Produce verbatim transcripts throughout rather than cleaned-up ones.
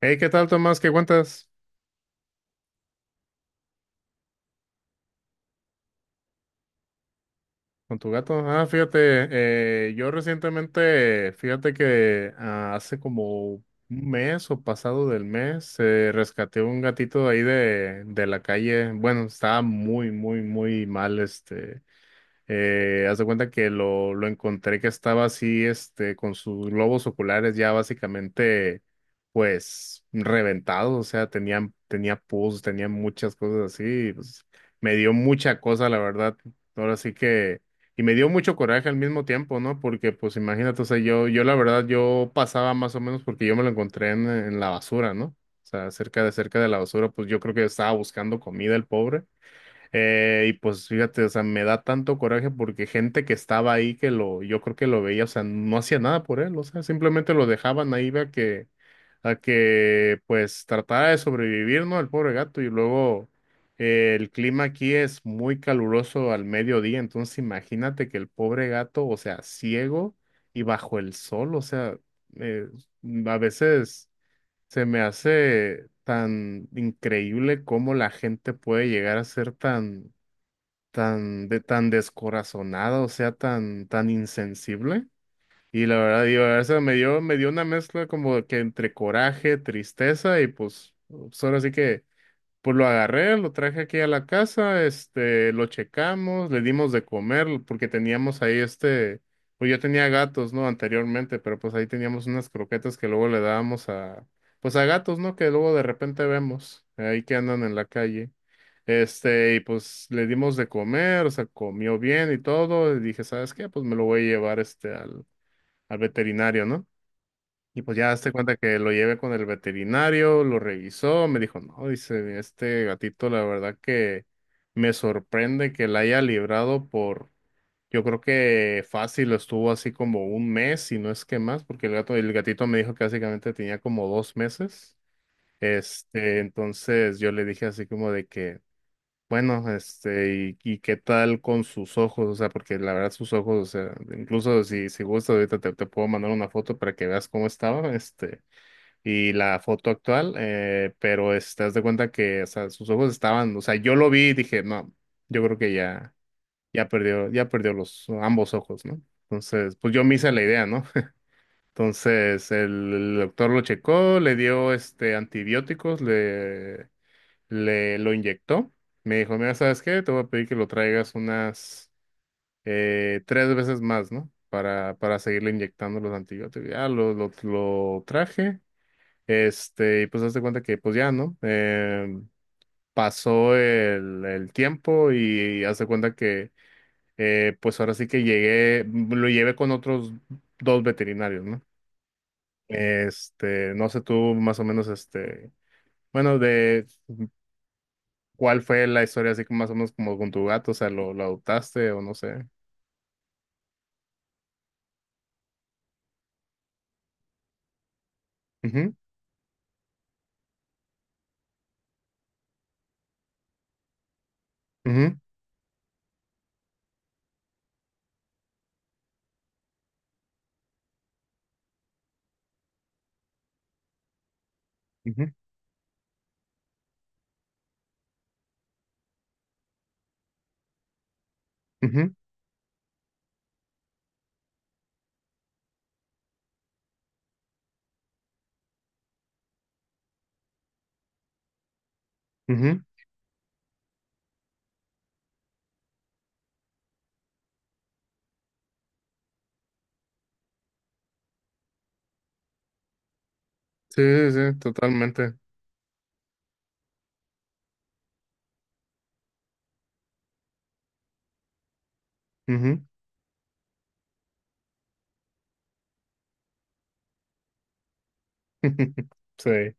Hey, ¿qué tal, Tomás? ¿Qué cuentas con tu gato? Ah, fíjate, eh, yo recientemente, fíjate que ah, hace como un mes o pasado del mes, eh, rescaté un gatito de ahí de, de la calle. Bueno, estaba muy, muy, muy mal, este. Eh, haz de cuenta que lo, lo encontré que estaba así, este, con sus globos oculares ya básicamente, pues, reventados. O sea, tenía, tenía pus, tenía muchas cosas así, y, pues, me dio mucha cosa, la verdad, ahora sí que, y me dio mucho coraje al mismo tiempo, ¿no? Porque, pues, imagínate, o sea, yo, yo la verdad, yo pasaba más o menos porque yo me lo encontré en, en la basura, ¿no? O sea, cerca de, cerca de la basura, pues yo creo que estaba buscando comida el pobre. Eh, y pues fíjate, o sea, me da tanto coraje porque gente que estaba ahí que lo, yo creo que lo veía, o sea, no hacía nada por él, o sea, simplemente lo dejaban ahí a que, a que pues tratara de sobrevivir, ¿no? El pobre gato. Y luego eh, el clima aquí es muy caluroso al mediodía. Entonces imagínate que el pobre gato, o sea, ciego y bajo el sol, o sea, eh, a veces. Se me hace tan increíble cómo la gente puede llegar a ser tan, tan, de, tan descorazonada, o sea, tan, tan insensible. Y la verdad, digo, a veces me dio, me dio una mezcla como que entre coraje, tristeza y pues, pues ahora sí que pues lo agarré, lo traje aquí a la casa, este, lo checamos, le dimos de comer, porque teníamos ahí este, pues yo tenía gatos, ¿no? Anteriormente, pero pues ahí teníamos unas croquetas que luego le dábamos a, pues a gatos, ¿no? Que luego de repente vemos, ahí que andan en la calle. Este, y pues le dimos de comer, o sea, comió bien y todo, y dije, ¿sabes qué? Pues me lo voy a llevar este al, al veterinario, ¿no? Y pues ya hazte cuenta que lo llevé con el veterinario, lo revisó, me dijo, no, dice, este gatito, la verdad que me sorprende que la haya librado por, yo creo que fácil estuvo así como un mes, si no es que más, porque el gato, el gatito me dijo que básicamente tenía como dos meses. Este, entonces yo le dije así como de que, bueno, este, y, y qué tal con sus ojos, o sea, porque la verdad sus ojos, o sea, incluso si, si gustas, ahorita te, te puedo mandar una foto para que veas cómo estaba, este y la foto actual. Eh, pero es- te das de cuenta que, o sea, sus ojos estaban, o sea, yo lo vi y dije, no, yo creo que ya, ya perdió, ya perdió los ambos ojos, ¿no? Entonces, pues yo me hice la idea, ¿no? Entonces, el, el doctor lo checó, le dio este antibióticos, le, le lo inyectó. Me dijo, mira, ¿sabes qué? Te voy a pedir que lo traigas unas eh, tres veces más, ¿no? Para, para seguirle inyectando los antibióticos. Ya lo, lo, lo traje. Este, y pues hazte cuenta que pues ya, ¿no? Eh, pasó el, el tiempo y hazte cuenta que eh, pues ahora sí que llegué, lo llevé con otros dos veterinarios, ¿no? Este, no sé tú más o menos, este, bueno, de cuál fue la historia así como más o menos como con tu gato, o sea, lo, lo adoptaste o no sé. Ujú, ujú, ujú, ujú, ujú. Sí, sí, sí, totalmente. Ujú. Sí.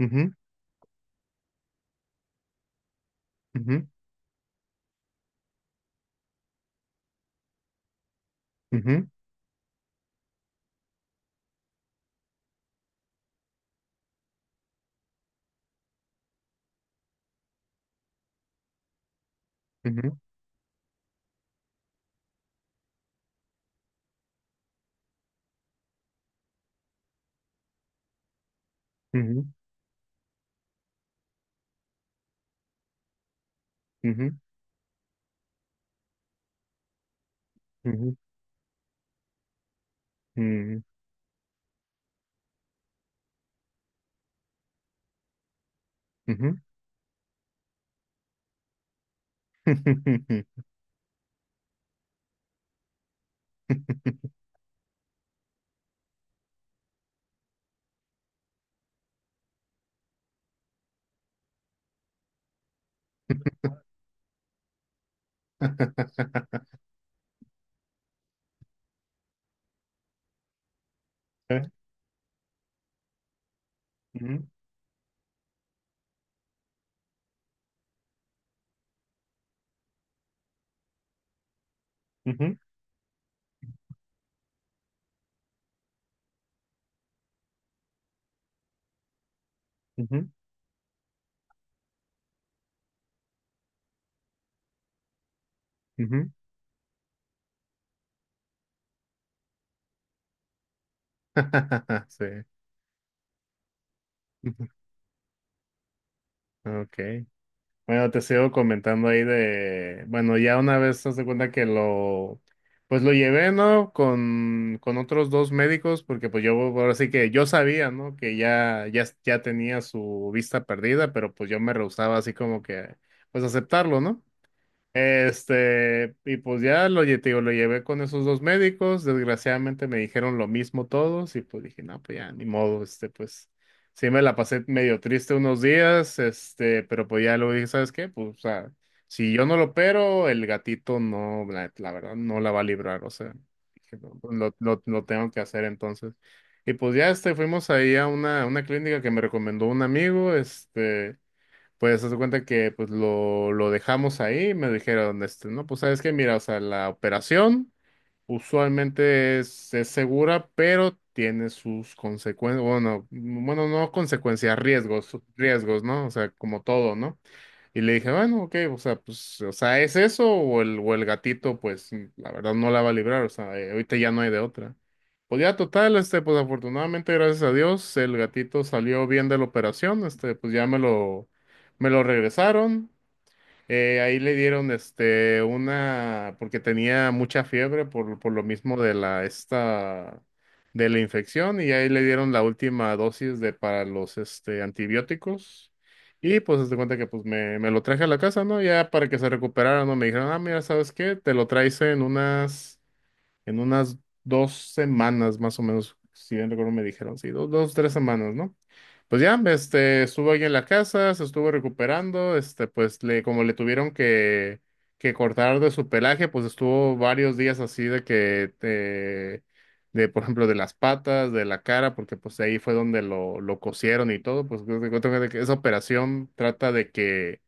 Ujú, ujú, ujú, ujú, ujú, ujú, ujú. Ujú, mm, ujú. ¿Eh? Ujú, ujú, ujú, ujú. Sí. Ujú. Okay. Bueno, te sigo comentando ahí de, bueno, ya una vez te das cuenta que lo, pues lo llevé, ¿no? Con, con otros dos médicos, porque pues yo, ahora sí que yo sabía, ¿no? Que ya, ya, ya tenía su vista perdida, pero pues yo me rehusaba así como que, pues aceptarlo, ¿no? Este, y pues ya lo, lle- te digo, lo llevé con esos dos médicos, desgraciadamente me dijeron lo mismo todos y pues dije, no, pues ya, ni modo, este, pues sí me la pasé medio triste unos días, este, pero pues ya luego dije, ¿sabes qué? Pues, o sea, si yo no lo opero, el gatito no, la, la verdad, no la va a librar, o sea, dije, "No, pues, lo, lo, lo tengo que hacer entonces." Y pues ya, este, fuimos ahí a una, una clínica que me recomendó un amigo, este... Pues haz de cuenta que pues lo, lo dejamos ahí, me dijeron, este, no, pues sabes que mira, o sea, la operación usualmente es, es segura, pero tiene sus consecuencias, bueno, mm, bueno, no consecuencias, riesgos, riesgos, ¿no? O sea, como todo, ¿no? Y le dije, bueno, ok, o sea, pues, o sea, ¿es eso o el, o el gatito, pues, mm, la verdad no la va a librar? O sea, eh, ahorita ya no hay de otra. Pues ya total, este, pues afortunadamente, gracias a Dios, el gatito salió bien de la operación. Este, pues ya me lo me lo regresaron. Eh, ahí le dieron este una, porque tenía mucha fiebre por, por lo mismo de la esta de la infección, y ahí le dieron la última dosis de para los este antibióticos. Y pues se cuenta que pues me, me lo traje a la casa, ¿no? Ya para que se recuperara, ¿no? Me dijeron, ah, mira, ¿sabes qué? Te lo traes en unas, en unas dos semanas más o menos, si bien recuerdo me dijeron, sí, dos, dos, tres semanas, ¿no? Pues ya, este, estuvo ahí en la casa, se estuvo recuperando, este, pues le, como le tuvieron que, que cortar de su pelaje, pues estuvo varios días así de que, eh, de, por ejemplo, de las patas, de la cara, porque pues ahí fue donde lo, lo cosieron y todo. Pues te cuento que de que esa operación trata de que,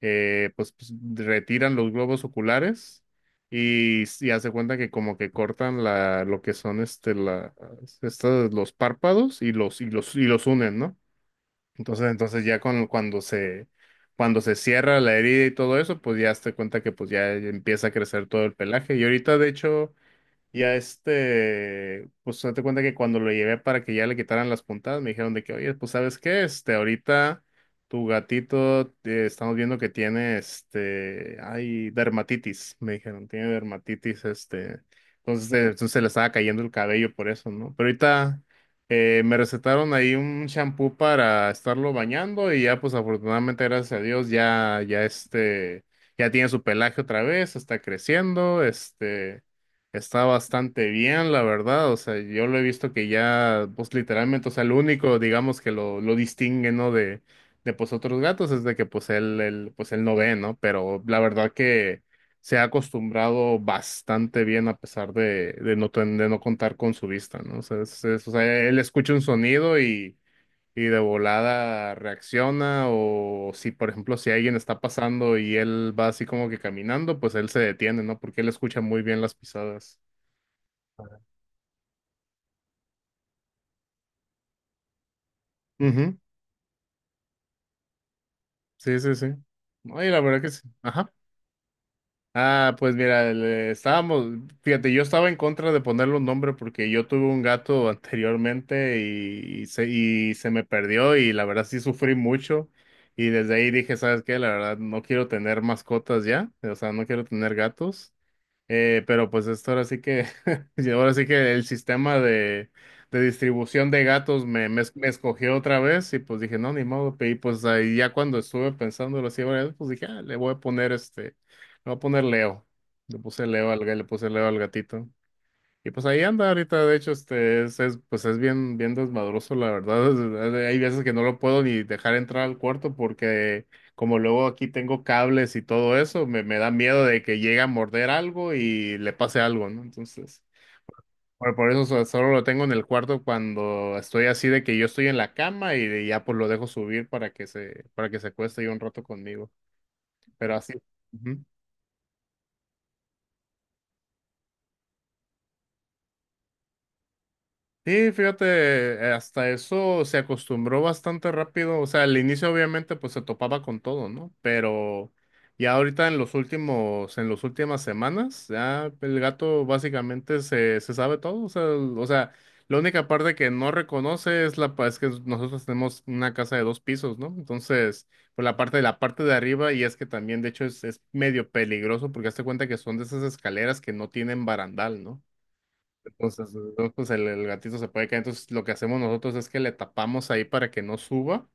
eh, pues, pues, retiran los globos oculares y, y hace cuenta que como que cortan la, lo que son, este, la, estas- los párpados y los, y los, y los unen, ¿no? Entonces, entonces ya con, cuando se, cuando se cierra la herida y todo eso, pues ya te cuenta que pues ya empieza a crecer todo el pelaje. Y ahorita, de hecho, y a este, pues date cuenta que cuando lo llevé para que ya le quitaran las puntadas, me dijeron de que, oye, pues ¿sabes qué? Este, ahorita tu gatito, eh, estamos viendo que tiene, este, hay dermatitis, me dijeron, tiene dermatitis, este, entonces, eh, entonces se le estaba cayendo el cabello por eso, ¿no? Pero ahorita eh, me recetaron ahí un shampoo para estarlo bañando y ya, pues afortunadamente, gracias a Dios, ya, ya este, ya tiene su pelaje otra vez, está creciendo, este. Está bastante bien, la verdad. O sea, yo lo he visto que ya, pues literalmente, o sea, lo único, digamos, que lo, lo distingue, ¿no? De, de pues otros gatos es de que pues él, él, pues él no ve, ¿no? Pero la verdad que se ha acostumbrado bastante bien a pesar de, de no, ten- de no contar con su vista, ¿no? O sea, es- es- o sea, él escucha un sonido y, y de volada reacciona. O si, por ejemplo, si alguien está pasando y él va así como que caminando, pues él se detiene, ¿no? Porque él escucha muy bien las pisadas. Ujú. Sí, sí, sí. Ay, la verdad que sí. Ajá. Ah, pues mira, le- estábamos, fíjate, yo estaba en contra de ponerle un nombre porque yo tuve un gato anteriormente y, se, y se me perdió y la verdad sí sufrí mucho y desde ahí dije, ¿sabes qué? La verdad no quiero tener mascotas ya, o sea, no quiero tener gatos. Eh, pero pues esto ahora sí que, y ahora sí que el sistema de, de distribución de gatos me, me, me escogió otra vez y pues dije, no, ni modo, y pues ahí ya cuando estuve pensándolo así, varias veces, pues dije, "Ah, le voy a poner este, le voy a poner Leo." Le puse Leo al, ga- le puse Leo al gatito. Y pues ahí anda ahorita, de hecho, este es, es, pues es bien, bien desmadroso, la verdad. Es- es- Hay veces que no lo puedo ni dejar entrar al cuarto porque como luego aquí tengo cables y todo eso, me, me da miedo de que llegue a morder algo y le pase algo, ¿no? Entonces, por, por eso so- solo lo tengo en el cuarto cuando estoy así de que yo estoy en la cama y, de- ya pues lo dejo subir para que se, para que se acueste ahí un rato conmigo. Pero así. Sí, fíjate, eh, hasta eso se acostumbró bastante rápido. O sea, al inicio obviamente pues se topaba con todo, ¿no? Pero ya ahorita en los últimos, en las últimas semanas, ya el gato básicamente se, se sabe todo. O sea, el- o sea, la única parte que no reconoce es la, pa- es que nosotros tenemos una casa de dos pisos, ¿no? Entonces, por la parte de la parte de arriba, y es que también, de hecho, es, es medio peligroso porque hazte cuenta que son de esas escaleras que no tienen barandal, ¿no? Entonces, ¿no? Pues el, el gatito se puede caer. Entonces, lo que hacemos nosotros es que le tapamos ahí para que no suba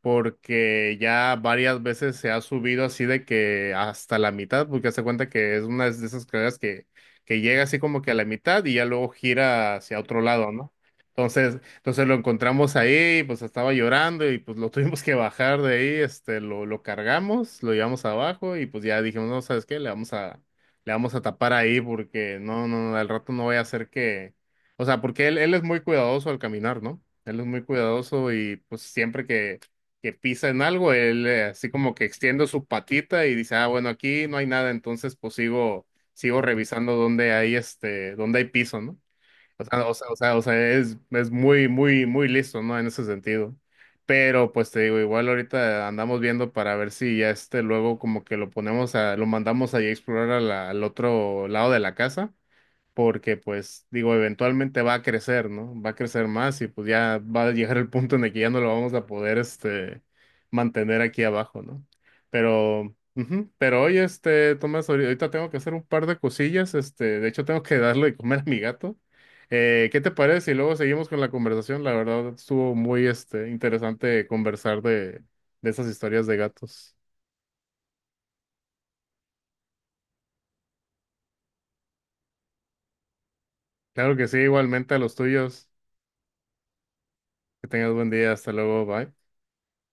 porque ya varias veces se ha subido así de que hasta la mitad, porque hace cuenta que es una de esas escaleras que, que llega así como que a la mitad y ya luego gira hacia otro lado, ¿no? Entonces, entonces lo encontramos ahí, pues estaba llorando y pues lo tuvimos que bajar de ahí, este, lo, lo cargamos, lo llevamos abajo y pues ya dijimos, no, ¿sabes qué? Le vamos a, le vamos a tapar ahí porque no, no, no, al rato no voy a hacer que, o sea, porque él, él es muy cuidadoso al caminar, ¿no? Él es muy cuidadoso y pues siempre que, que pisa en algo, él eh, así como que extiende su patita y dice, ah, bueno, aquí no hay nada, entonces pues sigo, sigo revisando dónde hay este, dónde hay piso, ¿no? O sea, o sea, o sea, o sea, es, es muy, muy, muy listo, ¿no? En ese sentido. Pero pues te digo, igual ahorita andamos viendo para ver si ya este luego como que lo ponemos a, lo mandamos ahí a explorar a la- al otro lado de la casa, porque pues digo, eventualmente va a crecer, ¿no? Va a crecer más y pues ya va a llegar el punto en el que ya no lo vamos a poder este mantener aquí abajo, ¿no? Pero ujú. Pero hoy, este, Tomás, ahori- ahorita tengo que hacer un par de cosillas. Este, de hecho tengo que darle de comer a mi gato. Eh, ¿qué te parece si luego seguimos con la conversación? La verdad, estuvo muy, este, interesante conversar de, de esas historias de gatos. Claro que sí, igualmente a los tuyos. Que tengas buen día. Hasta luego. Bye.